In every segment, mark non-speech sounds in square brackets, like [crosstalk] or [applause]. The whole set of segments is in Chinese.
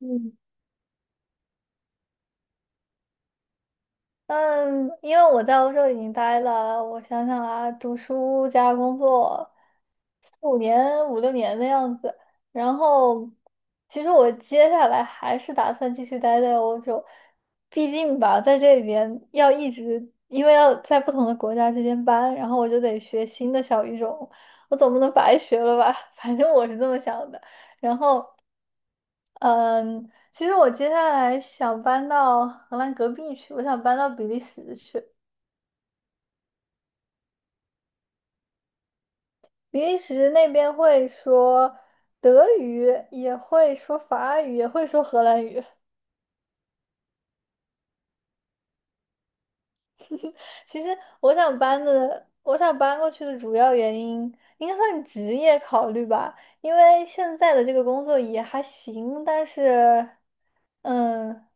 嗯嗯，因为我在欧洲已经待了，我想想啊，读书加工作四五年、五六年的样子。然后，其实我接下来还是打算继续待在欧洲，毕竟吧，在这里边要一直，因为要在不同的国家之间搬，然后我就得学新的小语种，我总不能白学了吧？[laughs] 反正我是这么想的。然后。嗯，其实我接下来想搬到荷兰隔壁去，我想搬到比利时去。比利时那边会说德语，也会说法语，也会说荷兰语。其实我想搬的，我想搬过去的主要原因应该算职业考虑吧，因为现在的这个工作也还行，但是，嗯，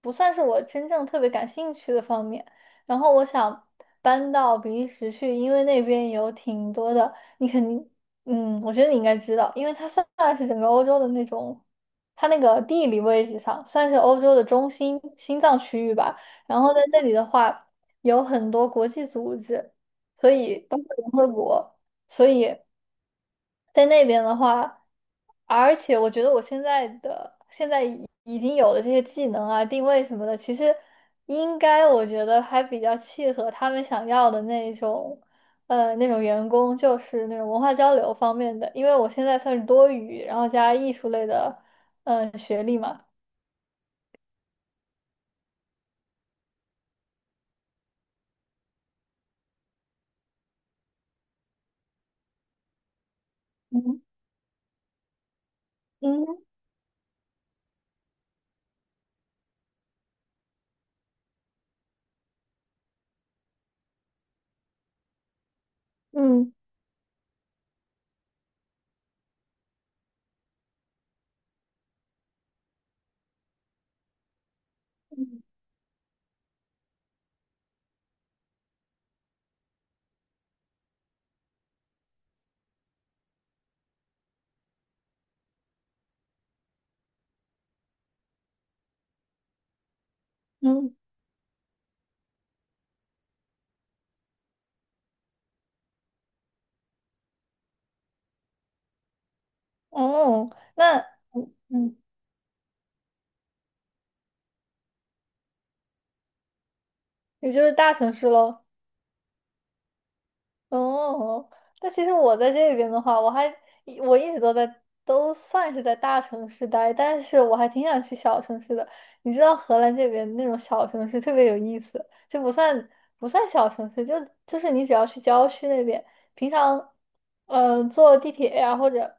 不算是我真正特别感兴趣的方面。然后我想搬到比利时去，因为那边有挺多的，你肯定，我觉得你应该知道，因为它算是整个欧洲的那种，它那个地理位置上算是欧洲的中心心脏区域吧。然后在那里的话。有很多国际组织，所以包括联合国，所以在那边的话，而且我觉得我现在的已经有的这些技能啊、定位什么的，其实应该我觉得还比较契合他们想要的那种，那种员工，就是那种文化交流方面的，因为我现在算是多语，然后加艺术类的，学历嘛。嗯嗯嗯嗯，嗯，哦，那嗯嗯。也就是大城市喽。哦，但其实我在这边的话，我一直都在算是在大城市待，但是我还挺想去小城市的。你知道荷兰这边那种小城市特别有意思，就不算小城市，就是你只要去郊区那边，平常坐地铁呀、或者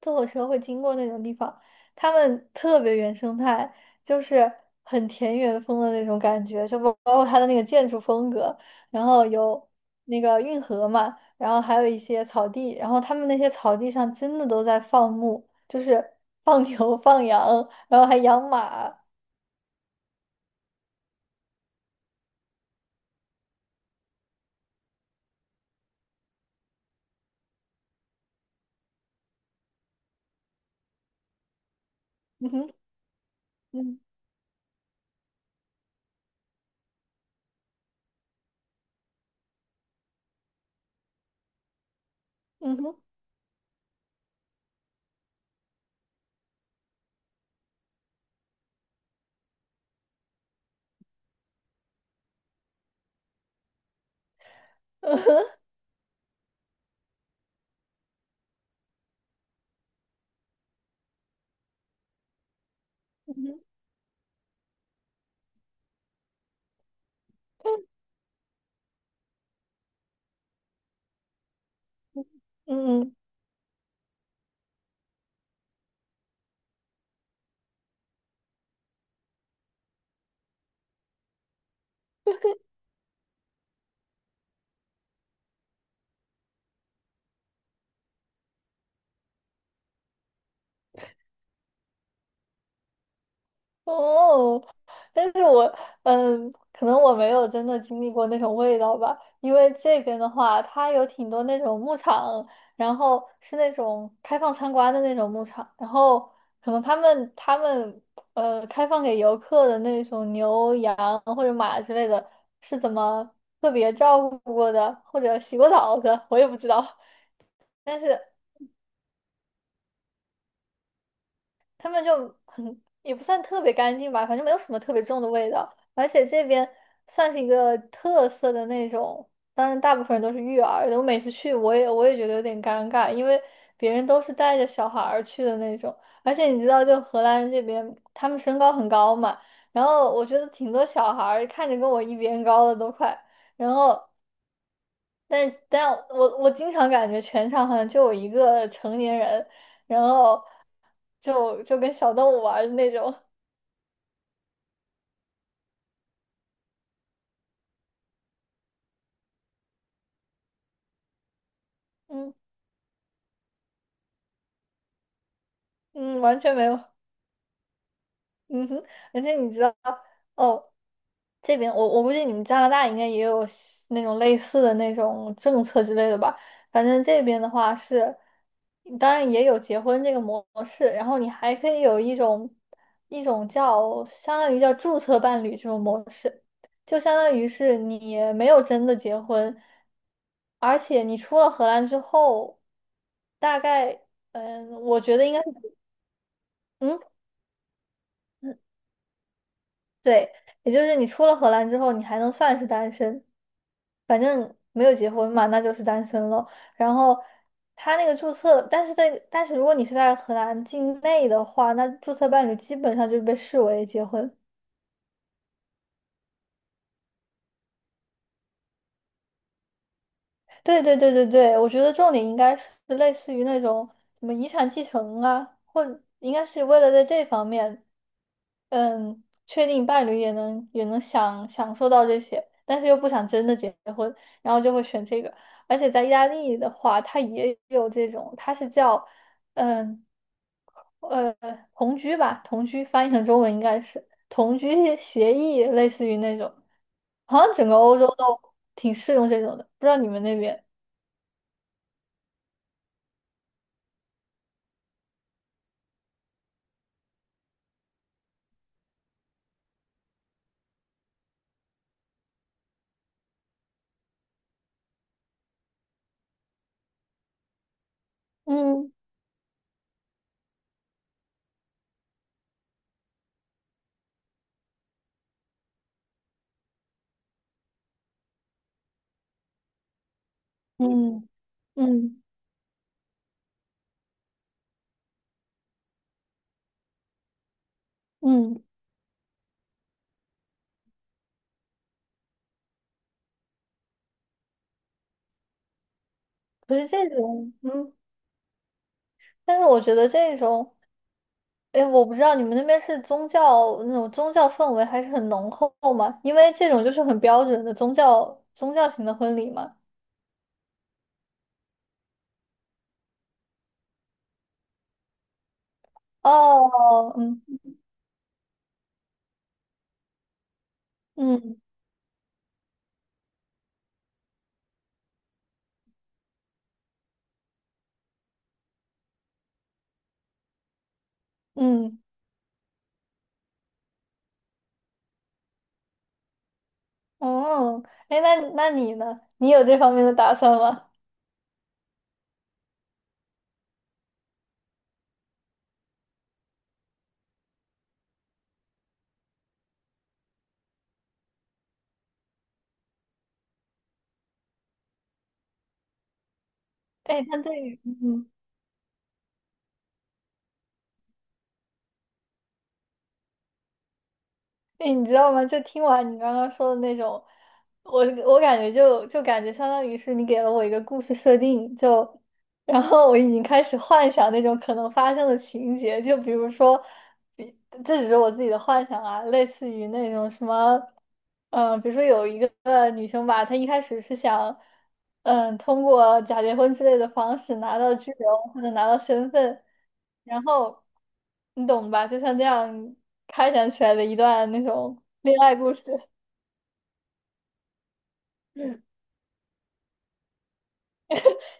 坐火车会经过那种地方，他们特别原生态，就是很田园风的那种感觉，就包括它的那个建筑风格。然后有那个运河嘛，然后还有一些草地，然后他们那些草地上真的都在放牧，就是 [laughs] 放牛、放羊，然后还养马，嗯哼，嗯嗯哼，嗯哼，嗯嗯 [laughs] 哦，但是我可能我没有真的经历过那种味道吧，因为这边的话，它有挺多那种牧场，然后是那种开放参观的那种牧场，然后可能他们开放给游客的那种牛羊或者马之类的，是怎么特别照顾过的，或者洗过澡的，我也不知道。[laughs] 但是。他们就很也不算特别干净吧，反正没有什么特别重的味道。而且这边算是一个特色的那种，当然大部分人都是育儿的。我每次去，我也觉得有点尴尬，因为别人都是带着小孩儿去的那种。而且你知道，就荷兰人这边，他们身高很高嘛，然后我觉得挺多小孩儿看着跟我一边高的都快，然后。但我经常感觉全场好像就我一个成年人，然后就跟小动物玩儿的那种，[laughs] 嗯嗯，完全没有，[laughs] 嗯哼，而且你知道，哦，这边我估计你们加拿大应该也有西那种类似的那种政策之类的吧？反正这边的话是，当然也有结婚这个模式，然后你还可以有一种叫相当于叫注册伴侣这种模式，就相当于是你没有真的结婚，而且你出了荷兰之后，大概我觉得应该是嗯。对，也就是你出了荷兰之后，你还能算是单身，反正没有结婚嘛，那就是单身了。然后他那个注册，但是但是如果你是在荷兰境内的话，那注册伴侣基本上就是被视为结婚。对对对对对，我觉得重点应该是类似于那种什么遗产继承啊，或应该是为了在这方面，确定伴侣也能享受到这些，但是又不想真的结婚，然后就会选这个。而且在意大利的话，它也有这种，它是叫嗯呃同居吧，同居翻译成中文应该是。同居协议，类似于那种，好像整个欧洲都挺适用这种的，不知道你们那边？嗯嗯嗯嗯，不是这种，但是我觉得这种，哎，我不知道你们那边是宗教那种宗教氛围还是很浓厚嘛？因为这种就是很标准的宗教型的婚礼嘛。哦，嗯嗯嗯，哦，哎，那你呢？你有这方面的打算吗？哎，那对于，哎，你知道吗？就听完你刚刚说的那种，我感觉就感觉相当于是你给了我一个故事设定，就然后我已经开始幻想那种可能发生的情节，就比如说，比这只是我自己的幻想啊，类似于那种什么，比如说有一个女生吧，她一开始是想，通过假结婚之类的方式拿到居留或者拿到身份，然后你懂吧？就像这样开展起来的一段那种恋爱故事，[laughs]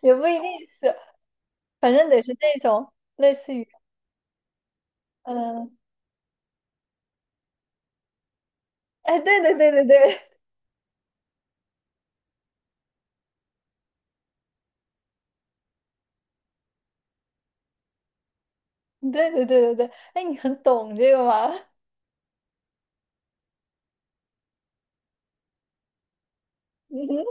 也不一定是，反正得是那种类似于，嗯，哎，对对对对对。[laughs] 对对对对对，哎，你很懂这个吗？[laughs] 嗯哼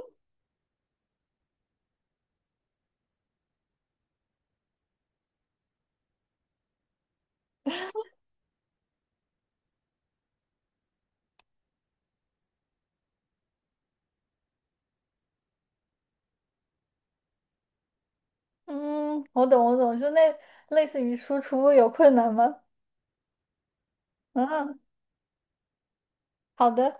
嗯，我懂我懂，就那类似于输出有困难吗？嗯，好的。